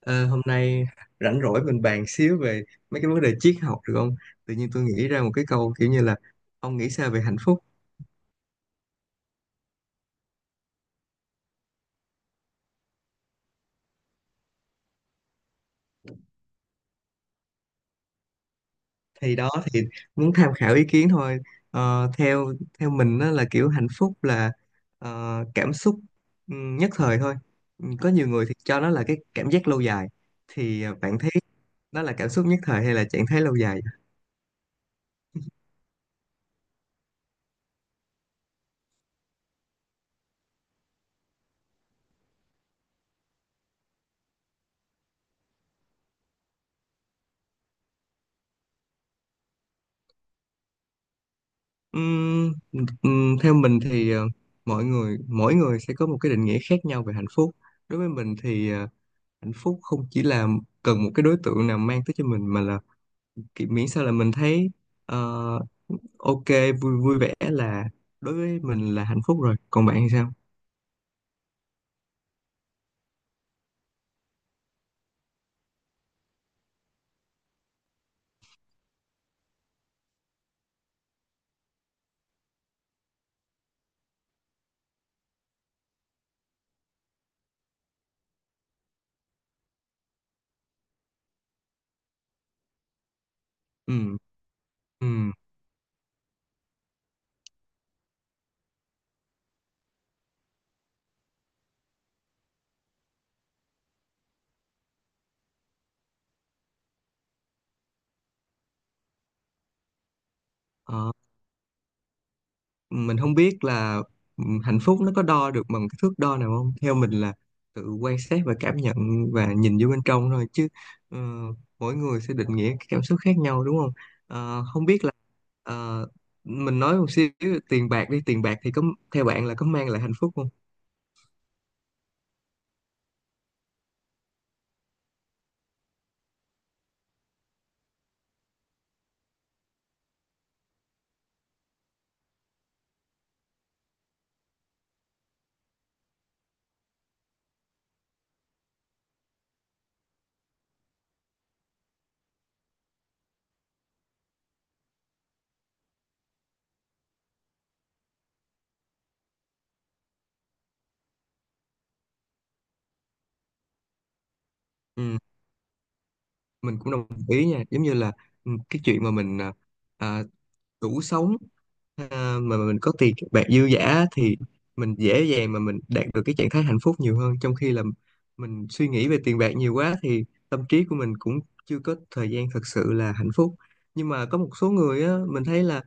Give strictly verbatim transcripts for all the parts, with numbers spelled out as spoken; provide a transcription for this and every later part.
Ờ, hôm nay rảnh rỗi mình bàn xíu về mấy cái vấn đề triết học được không? Tự nhiên tôi nghĩ ra một cái câu kiểu như là ông nghĩ sao về hạnh phúc? Thì đó thì muốn tham khảo ý kiến thôi. Ờ, theo theo mình đó là kiểu hạnh phúc là ờ, cảm xúc ừ, nhất thời thôi. Ừ, có nhiều người thì cho nó là cái cảm giác lâu dài. Thì ờ, bạn thấy đó là cảm xúc nhất thời hay là trạng thái lâu dài? Ừm, ừm, theo mình thì ờ, mọi người mỗi người sẽ có một cái định nghĩa khác nhau về hạnh phúc. Đối với mình thì ờ, hạnh phúc không chỉ là cần một cái đối tượng nào mang tới cho mình mà là kiểu miễn sao là mình thấy ờ, ok, vui vui vẻ là đối với mình là hạnh phúc rồi, còn bạn thì sao? Ừ, ừ. Ờ, mình không biết là ừ, hạnh phúc nó có đo được bằng cái thước đo nào không, theo mình là tự quan sát và cảm nhận và nhìn vô bên trong thôi chứ. ờ, Mỗi người sẽ định nghĩa cái cảm xúc khác nhau đúng không? Ờ, không biết là ờ, mình nói một xíu, tiền bạc đi, tiền bạc thì có, theo bạn là có mang lại hạnh phúc không? Ừ, mình cũng đồng ý nha, giống như là ừ, cái chuyện mà mình à, à, đủ sống, à, mà mình có tiền bạc dư dả thì mình dễ dàng mà mình đạt được cái trạng thái hạnh phúc nhiều hơn, trong khi là mình suy nghĩ về tiền bạc nhiều quá thì tâm trí của mình cũng chưa có thời gian thật sự là hạnh phúc. Nhưng mà có một số người á, mình thấy là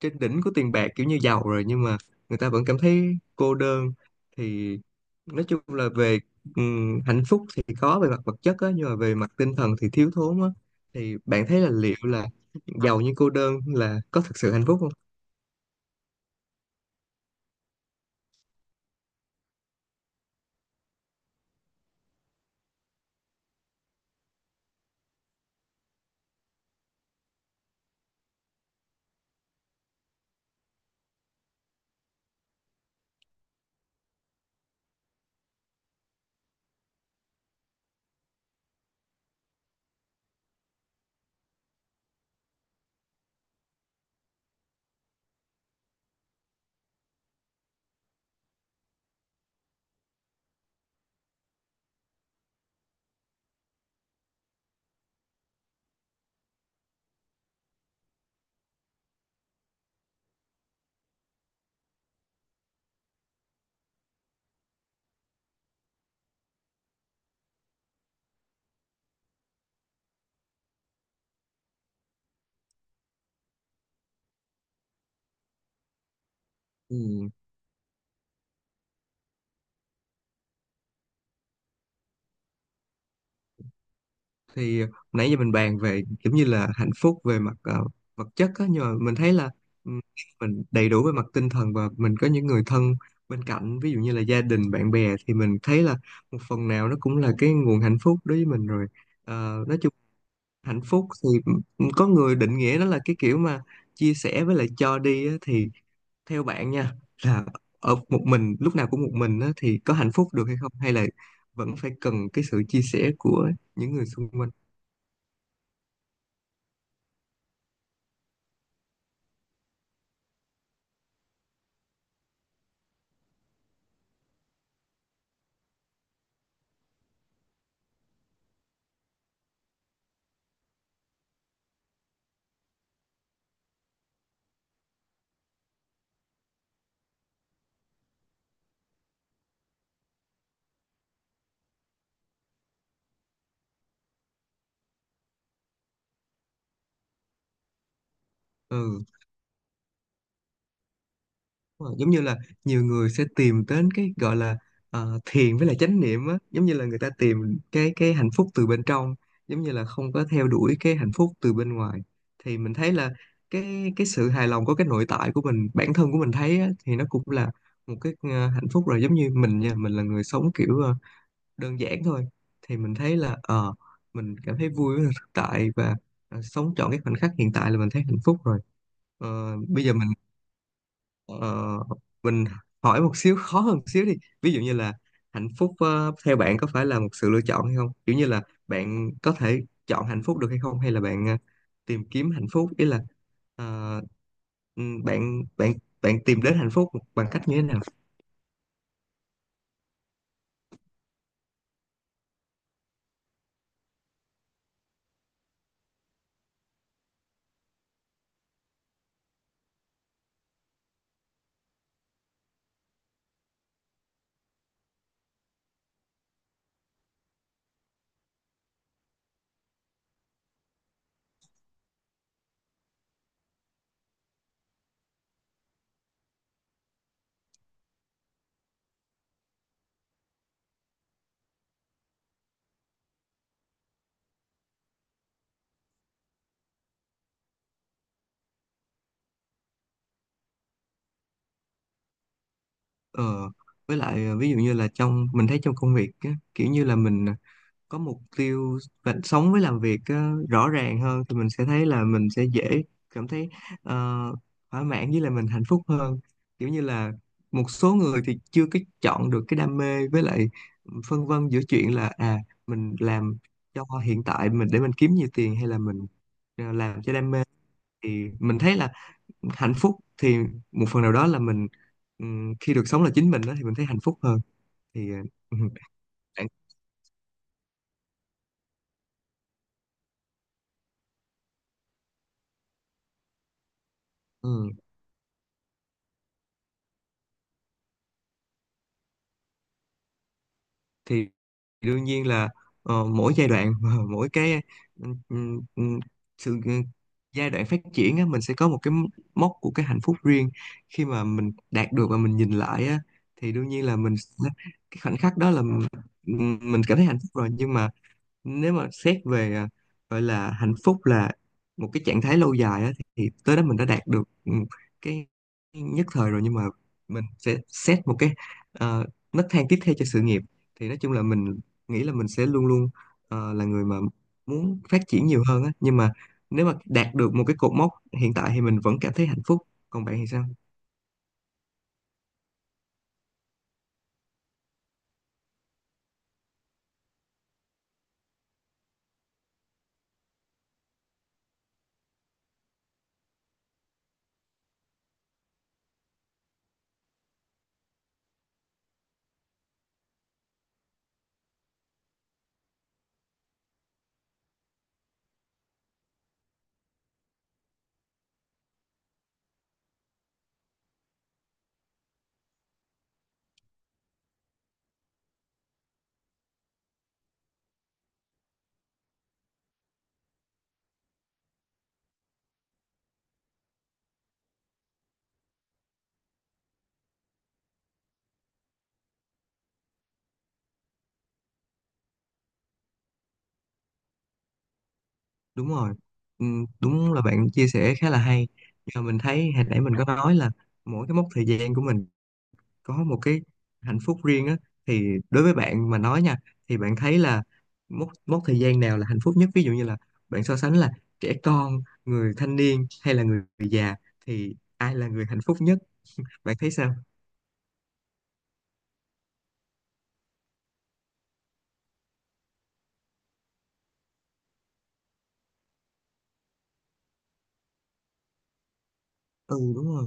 trên đỉnh của tiền bạc, kiểu như giàu rồi nhưng mà người ta vẫn cảm thấy cô đơn. Thì nói chung là về ừm, hạnh phúc thì có về mặt vật chất á nhưng mà về mặt tinh thần thì thiếu thốn á, thì bạn thấy là liệu là giàu nhưng cô đơn là có thực sự hạnh phúc không? Ừ. Thì nãy giờ mình bàn về kiểu như là hạnh phúc về mặt ờ, vật chất á, nhưng mà mình thấy là ừm, mình đầy đủ về mặt tinh thần và mình có những người thân bên cạnh, ví dụ như là gia đình bạn bè, thì mình thấy là một phần nào nó cũng là cái nguồn hạnh phúc đối với mình rồi. Ờ, nói chung hạnh phúc thì m- có người định nghĩa nó là cái kiểu mà chia sẻ với lại cho đi á, thì theo bạn nha, là ở một mình lúc nào cũng một mình á, thì có hạnh phúc được hay không, hay là vẫn phải cần cái sự chia sẻ của những người xung quanh? Ừ. Đúng rồi, giống như là nhiều người sẽ tìm đến cái gọi là ờ, thiền với lại chánh niệm á, giống như là người ta tìm cái cái hạnh phúc từ bên trong, giống như là không có theo đuổi cái hạnh phúc từ bên ngoài. Thì mình thấy là cái cái sự hài lòng của cái nội tại của mình, bản thân của mình thấy á, thì nó cũng là một cái ờ, hạnh phúc rồi. Giống như mình nha, mình là người sống kiểu ờ, đơn giản thôi, thì mình thấy là ờ, mình cảm thấy vui với thực tại và ờ, sống trọn cái khoảnh khắc hiện tại là mình thấy hạnh phúc rồi. Ờ, bây giờ mình Ờ, mình hỏi một xíu, khó hơn một xíu đi. Ví dụ như là hạnh phúc ờ, theo bạn có phải là một sự lựa chọn hay không, kiểu như là bạn có thể chọn hạnh phúc được hay không, hay là bạn ờ, tìm kiếm hạnh phúc, ý là ờ, ừm, bạn bạn bạn tìm đến hạnh phúc bằng cách như thế nào? Ờ, với lại ờ, ví dụ như là trong mình thấy trong công việc á, kiểu như là mình có mục tiêu và sống với làm việc á, rõ ràng hơn thì mình sẽ thấy là mình sẽ dễ cảm thấy ờ, thỏa mãn với là mình hạnh phúc hơn. Kiểu như là một số người thì chưa cái chọn được cái đam mê, với lại phân vân giữa chuyện là à, mình làm cho hiện tại mình để mình kiếm nhiều tiền hay là mình ờ, làm cho đam mê, thì mình thấy là hạnh phúc thì một phần nào đó là mình ừm, khi được sống là chính mình đó thì mình thấy hạnh phúc hơn. Thì ừ, bạn- ừ, thì đương nhiên là ờ, mỗi giai đoạn mỗi cái ừ, ừ, ừ, sự ừ, giai đoạn phát triển á, mình sẽ có một cái mốc của cái hạnh phúc riêng, khi mà mình đạt được và mình nhìn lại á, thì đương nhiên là mình sẽ- cái khoảnh khắc đó là mình, mình cảm thấy hạnh phúc rồi, nhưng mà nếu mà xét về à, gọi là hạnh phúc là một cái trạng thái lâu dài á, thì thì tới đó mình đã đạt được ừ, cái nhất thời rồi, nhưng mà mình sẽ xét một cái ờ, nấc thang tiếp theo cho sự nghiệp. Thì nói chung là mình nghĩ là mình sẽ luôn luôn ờ, là người mà muốn phát triển nhiều hơn á, nhưng mà nếu mà đạt được một cái cột mốc hiện tại thì mình vẫn cảm thấy hạnh phúc. Còn bạn thì sao? Đúng rồi, ừ, đúng là bạn chia sẻ khá là hay. Và mình thấy hồi nãy mình có nói là mỗi cái mốc thời gian của mình có một cái hạnh phúc riêng á, thì đối với bạn mà nói nha, thì bạn thấy là mốc mốc thời gian nào là hạnh phúc nhất? Ví dụ như là bạn so sánh là trẻ con, người thanh niên hay là người già, thì ai là người hạnh phúc nhất? Bạn thấy sao? Ừ, đúng rồi.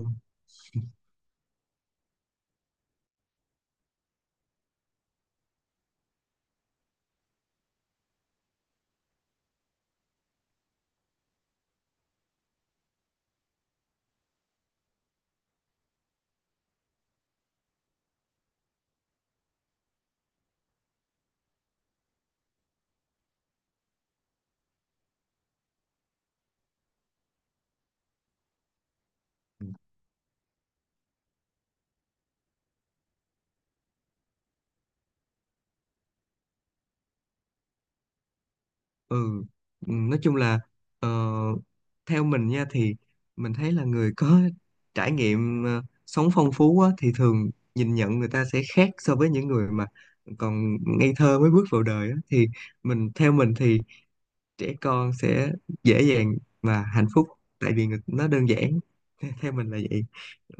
Ừ. Ừ, nói chung là ờ, theo mình nha, thì mình thấy là người có trải nghiệm ờ, sống phong phú á, thì thường nhìn nhận người ta sẽ khác so với những người mà còn ngây thơ mới bước vào đời á. Thì mình theo mình thì trẻ con sẽ dễ dàng và hạnh phúc, tại vì người- nó đơn giản. Theo mình là vậy.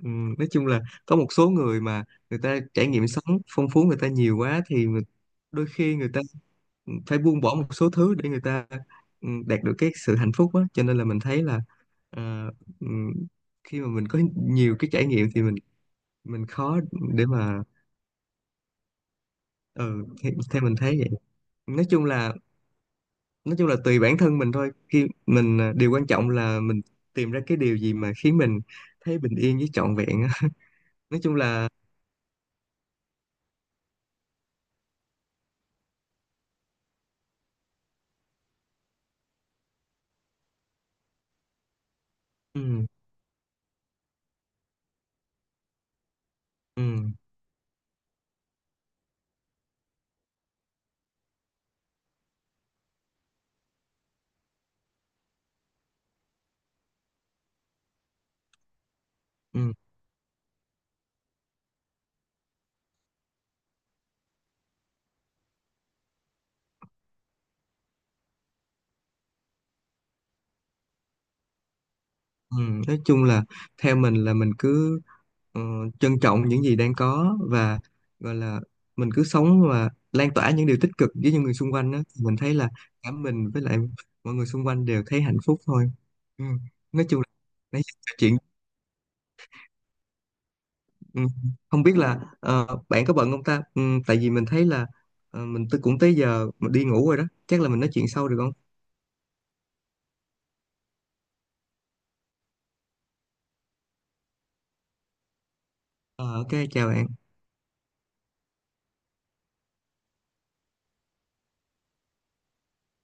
Ừm, nói chung là có một số người mà người ta trải nghiệm sống phong phú, người ta nhiều quá thì người- đôi khi người ta phải buông bỏ một số thứ để người ta ừm, đạt được cái sự hạnh phúc á, cho nên là mình thấy là ờ, ừm, khi mà mình có nhiều cái trải nghiệm thì mình mình khó để mà ừ, theo theo mình thấy vậy. nói chung là nói chung là tùy bản thân mình thôi, khi mình à, điều quan trọng là mình tìm ra cái điều gì mà khiến mình thấy bình yên với trọn vẹn á. Nói chung là ừ, ừ, ừ, ừ. nói chung là theo mình là mình cứ ờ, trân trọng những gì đang có và gọi là mình cứ sống và lan tỏa những điều tích cực với những người xung quanh á, mình thấy là cả mình với lại mọi người xung quanh đều thấy hạnh phúc thôi. Ừ. nói chung là nói chuyện Ừ, không biết là ờ, bạn có bận không ta? Ừ, tại vì mình thấy là ờ, mình tôi cũng tới giờ mà đi ngủ rồi đó. Chắc là mình nói chuyện sau được không? Ờ, ok chào bạn.